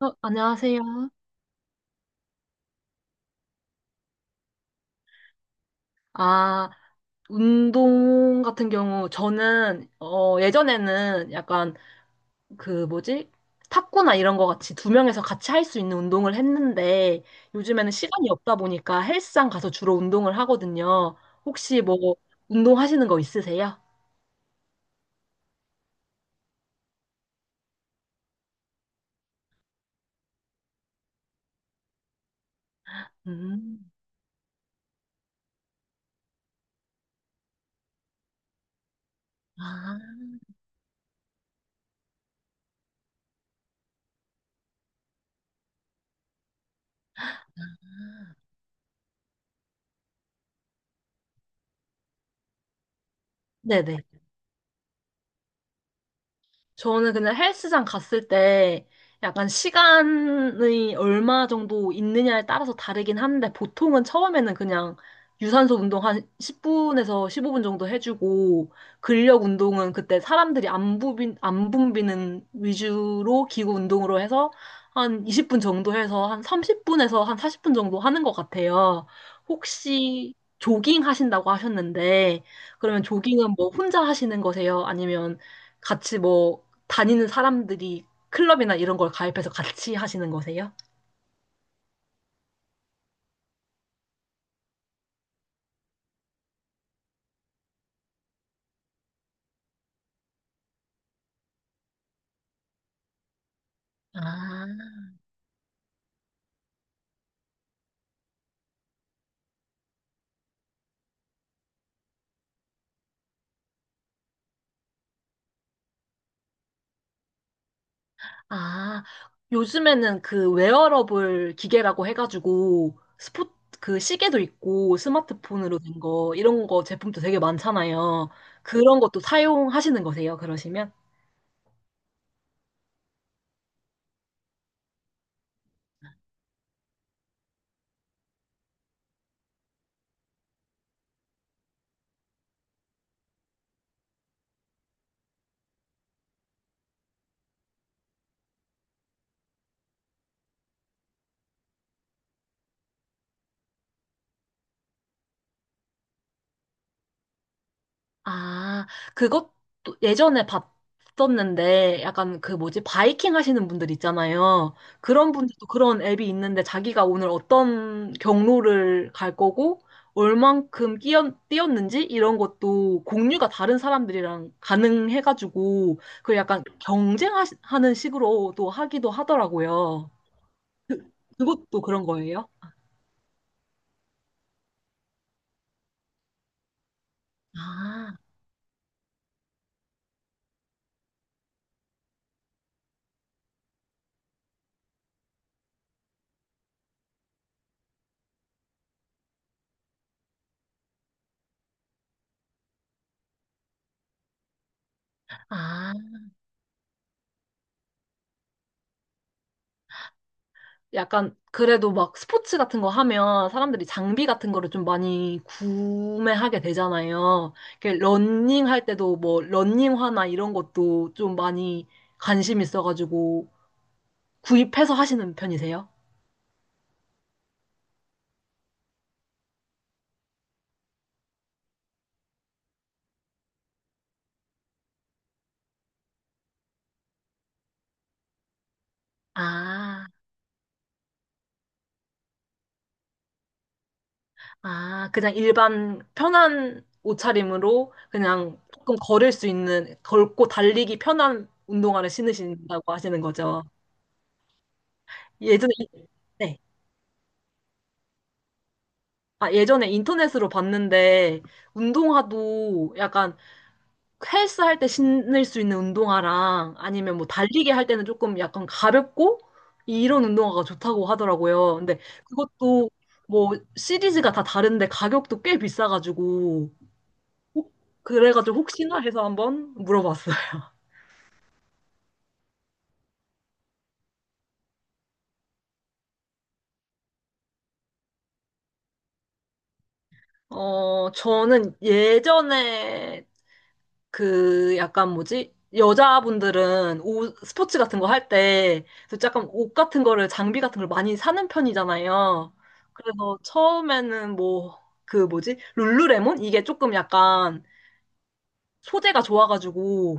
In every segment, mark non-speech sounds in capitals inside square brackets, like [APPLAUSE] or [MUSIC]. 어, 안녕하세요. 아, 운동 같은 경우, 저는, 예전에는 약간 그 뭐지? 탁구나 이런 거 같이 두 명에서 같이 할 수 있는 운동을 했는데, 요즘에는 시간이 없다 보니까 헬스장 가서 주로 운동을 하거든요. 혹시 뭐, 운동하시는 거 있으세요? 음, 아, 네네. 저는 그냥 헬스장 갔을 때 약간 시간이 얼마 정도 있느냐에 따라서 다르긴 한데 보통은 처음에는 그냥 유산소 운동 한 10분에서 15분 정도 해주고 근력 운동은 그때 사람들이 안 붐비는 위주로 기구 운동으로 해서 한 20분 정도 해서 한 30분에서 한 40분 정도 하는 것 같아요. 혹시 조깅 하신다고 하셨는데 그러면 조깅은 뭐 혼자 하시는 거세요? 아니면 같이 뭐 다니는 사람들이 클럽이나 이런 걸 가입해서 같이 하시는 거세요? 아, 아, 요즘에는 그 웨어러블 기계라고 해가지고 스포 그 시계도 있고 스마트폰으로 된 거 이런 거 제품도 되게 많잖아요. 그런 것도 사용하시는 거세요? 그러시면? 아, 그것도 예전에 봤었는데 약간 그 뭐지 바이킹 하시는 분들 있잖아요. 그런 분들도 그런 앱이 있는데 자기가 오늘 어떤 경로를 갈 거고 얼만큼 뛰었는지 이런 것도 공유가 다른 사람들이랑 가능해가지고 그 약간 경쟁하는 식으로도 하기도 하더라고요. 그것도 그런 거예요? 아, 아. 약간 그래도 막 스포츠 같은 거 하면 사람들이 장비 같은 거를 좀 많이 구매하게 되잖아요. 이렇게 러닝 할 때도 뭐 러닝화나 이런 것도 좀 많이 관심 있어가지고 구입해서 하시는 편이세요? 아, 아, 그냥 일반 편한 옷차림으로 그냥 조금 걸을 수 있는, 걸고 달리기 편한 운동화를 신으신다고 하시는 거죠. 예전에, 네. 아, 예전에 인터넷으로 봤는데, 운동화도 약간 헬스 할 때 신을 수 있는 운동화랑 아니면 뭐 달리기 할 때는 조금 약간 가볍고 이런 운동화가 좋다고 하더라고요. 근데 그것도 뭐 시리즈가 다 다른데 가격도 꽤 비싸가지고, 혹- 그래가지고 혹시나 해서 한번 물어봤어요. [LAUGHS] 저는 예전에 그 약간 뭐지? 여자분들은 옷, 스포츠 같은 거 할 때, 그래서 약간 옷 같은 거를, 장비 같은 걸 많이 사는 편이잖아요. 그래서 처음에는 뭐, 그 뭐지? 룰루레몬? 이게 조금 약간 소재가 좋아가지고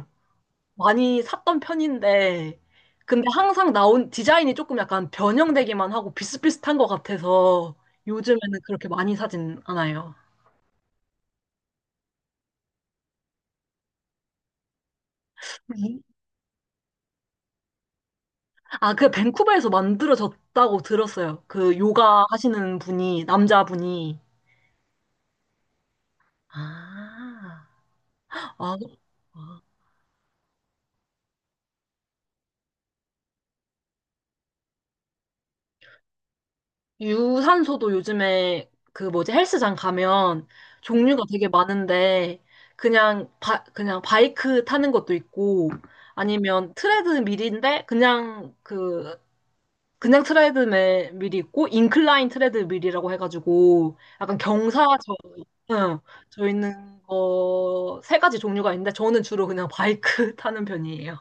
많이 샀던 편인데, 근데 항상 나온 디자인이 조금 약간 변형되기만 하고 비슷비슷한 것 같아서 요즘에는 그렇게 많이 사진 않아요. 아, 그 밴쿠버에서 만들어졌다고 들었어요. 그 요가 하시는 분이, 남자분이. 아, 아, 아. 유산소도 요즘에 그 뭐지 헬스장 가면 종류가 되게 많은데 그냥 바이크 타는 것도 있고 아니면 트레드밀인데 그냥 트레드 밀이 있고 인클라인 트레드 밀이라고 해가지고 약간 경사져 응, 있는 거 3가지 종류가 있는데 저는 주로 그냥 바이크 [LAUGHS] 타는 편이에요.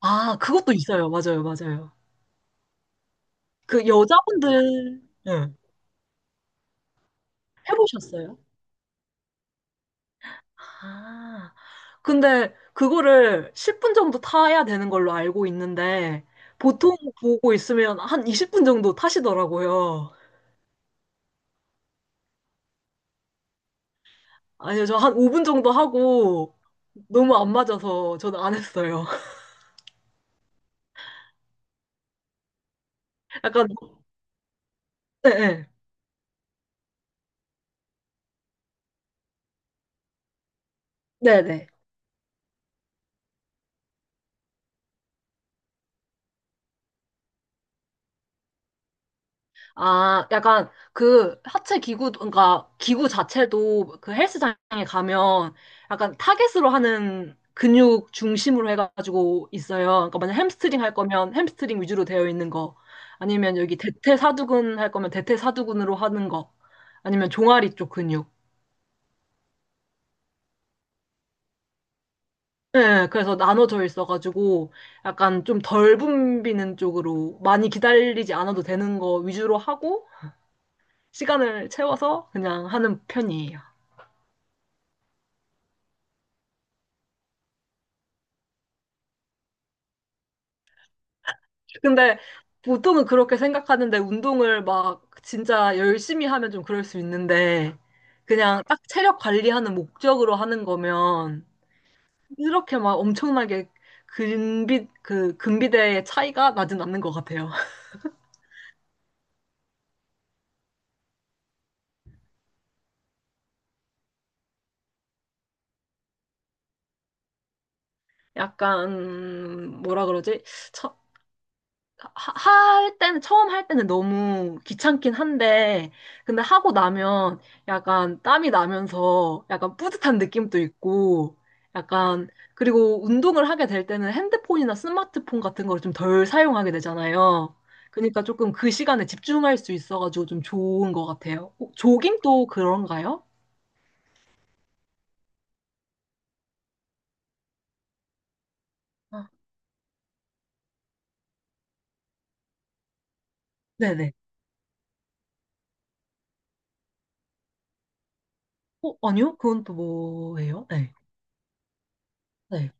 아, 그것도 있어요. 맞아요, 맞아요. 그 여자분들 응. 해보셨어요? 아, 근데 그거를 10분 정도 타야 되는 걸로 알고 있는데 보통 보고 있으면 한 20분 정도 타시더라고요. 아니요, 저 한 5분 정도 하고 너무 안 맞아서 저는 안 했어요. [LAUGHS] 약간, 네, 네. 네네. 아, 약간 그 하체 기구, 그러니까 기구 자체도 그 헬스장에 가면 약간 타겟으로 하는 근육 중심으로 해가지고 있어요. 그러니까 만약 햄스트링 할 거면 햄스트링 위주로 되어 있는 거, 아니면 여기 대퇴사두근 할 거면 대퇴사두근으로 하는 거, 아니면 종아리 쪽 근육. 네, 그래서 나눠져 있어가지고 약간 좀 덜 붐비는 쪽으로 많이 기다리지 않아도 되는 거 위주로 하고 시간을 채워서 그냥 하는 편이에요. 근데 보통은 그렇게 생각하는데 운동을 막 진짜 열심히 하면 좀 그럴 수 있는데 그냥 딱 체력 관리하는 목적으로 하는 거면 이렇게 막 엄청나게 근비대의 차이가 나진 않는 것 같아요. [LAUGHS] 약간, 뭐라 그러지? 처- 하- 할 때는 처음 할 때는 너무 귀찮긴 한데 근데 하고 나면 약간 땀이 나면서 약간 뿌듯한 느낌도 있고 약간 그리고 운동을 하게 될 때는 핸드폰이나 스마트폰 같은 걸 좀 덜 사용하게 되잖아요. 그러니까 조금 그 시간에 집중할 수 있어가지고 좀 좋은 것 같아요. 어, 조깅도 그런가요? 아, 네네. 어, 아니요? 그건 또 뭐예요? 네. 네.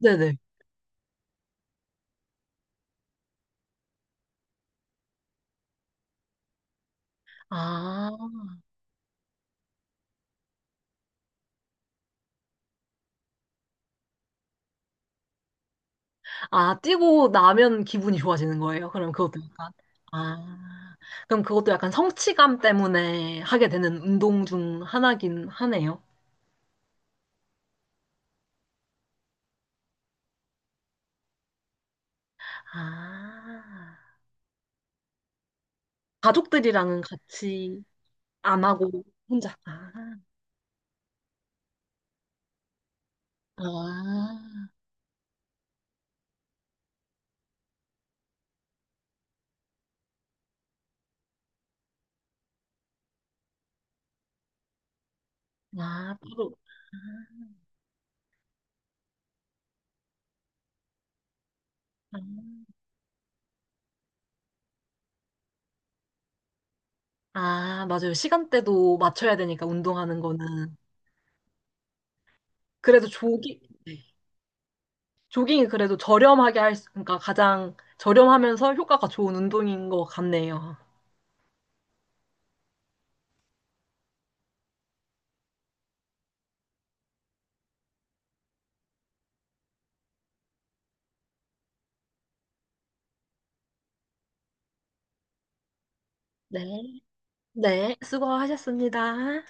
네네. 아. 아, 뛰고 나면 기분이 좋아지는 거예요. 아, 그럼 그것도 약간 성취감 때문에 하게 되는 운동 중 하나긴 하네요. 아, 가족들이랑은 같이 안 하고 혼자. 아, 아, 아, 따로. 아, 아, 맞아요. 시간대도 맞춰야 되니까 운동하는 거는. 그래도 네. 조깅이 그래도 저렴하게 할 수, 그러니까 가장 저렴하면서 효과가 좋은 운동인 것 같네요. 네. 네, 수고하셨습니다.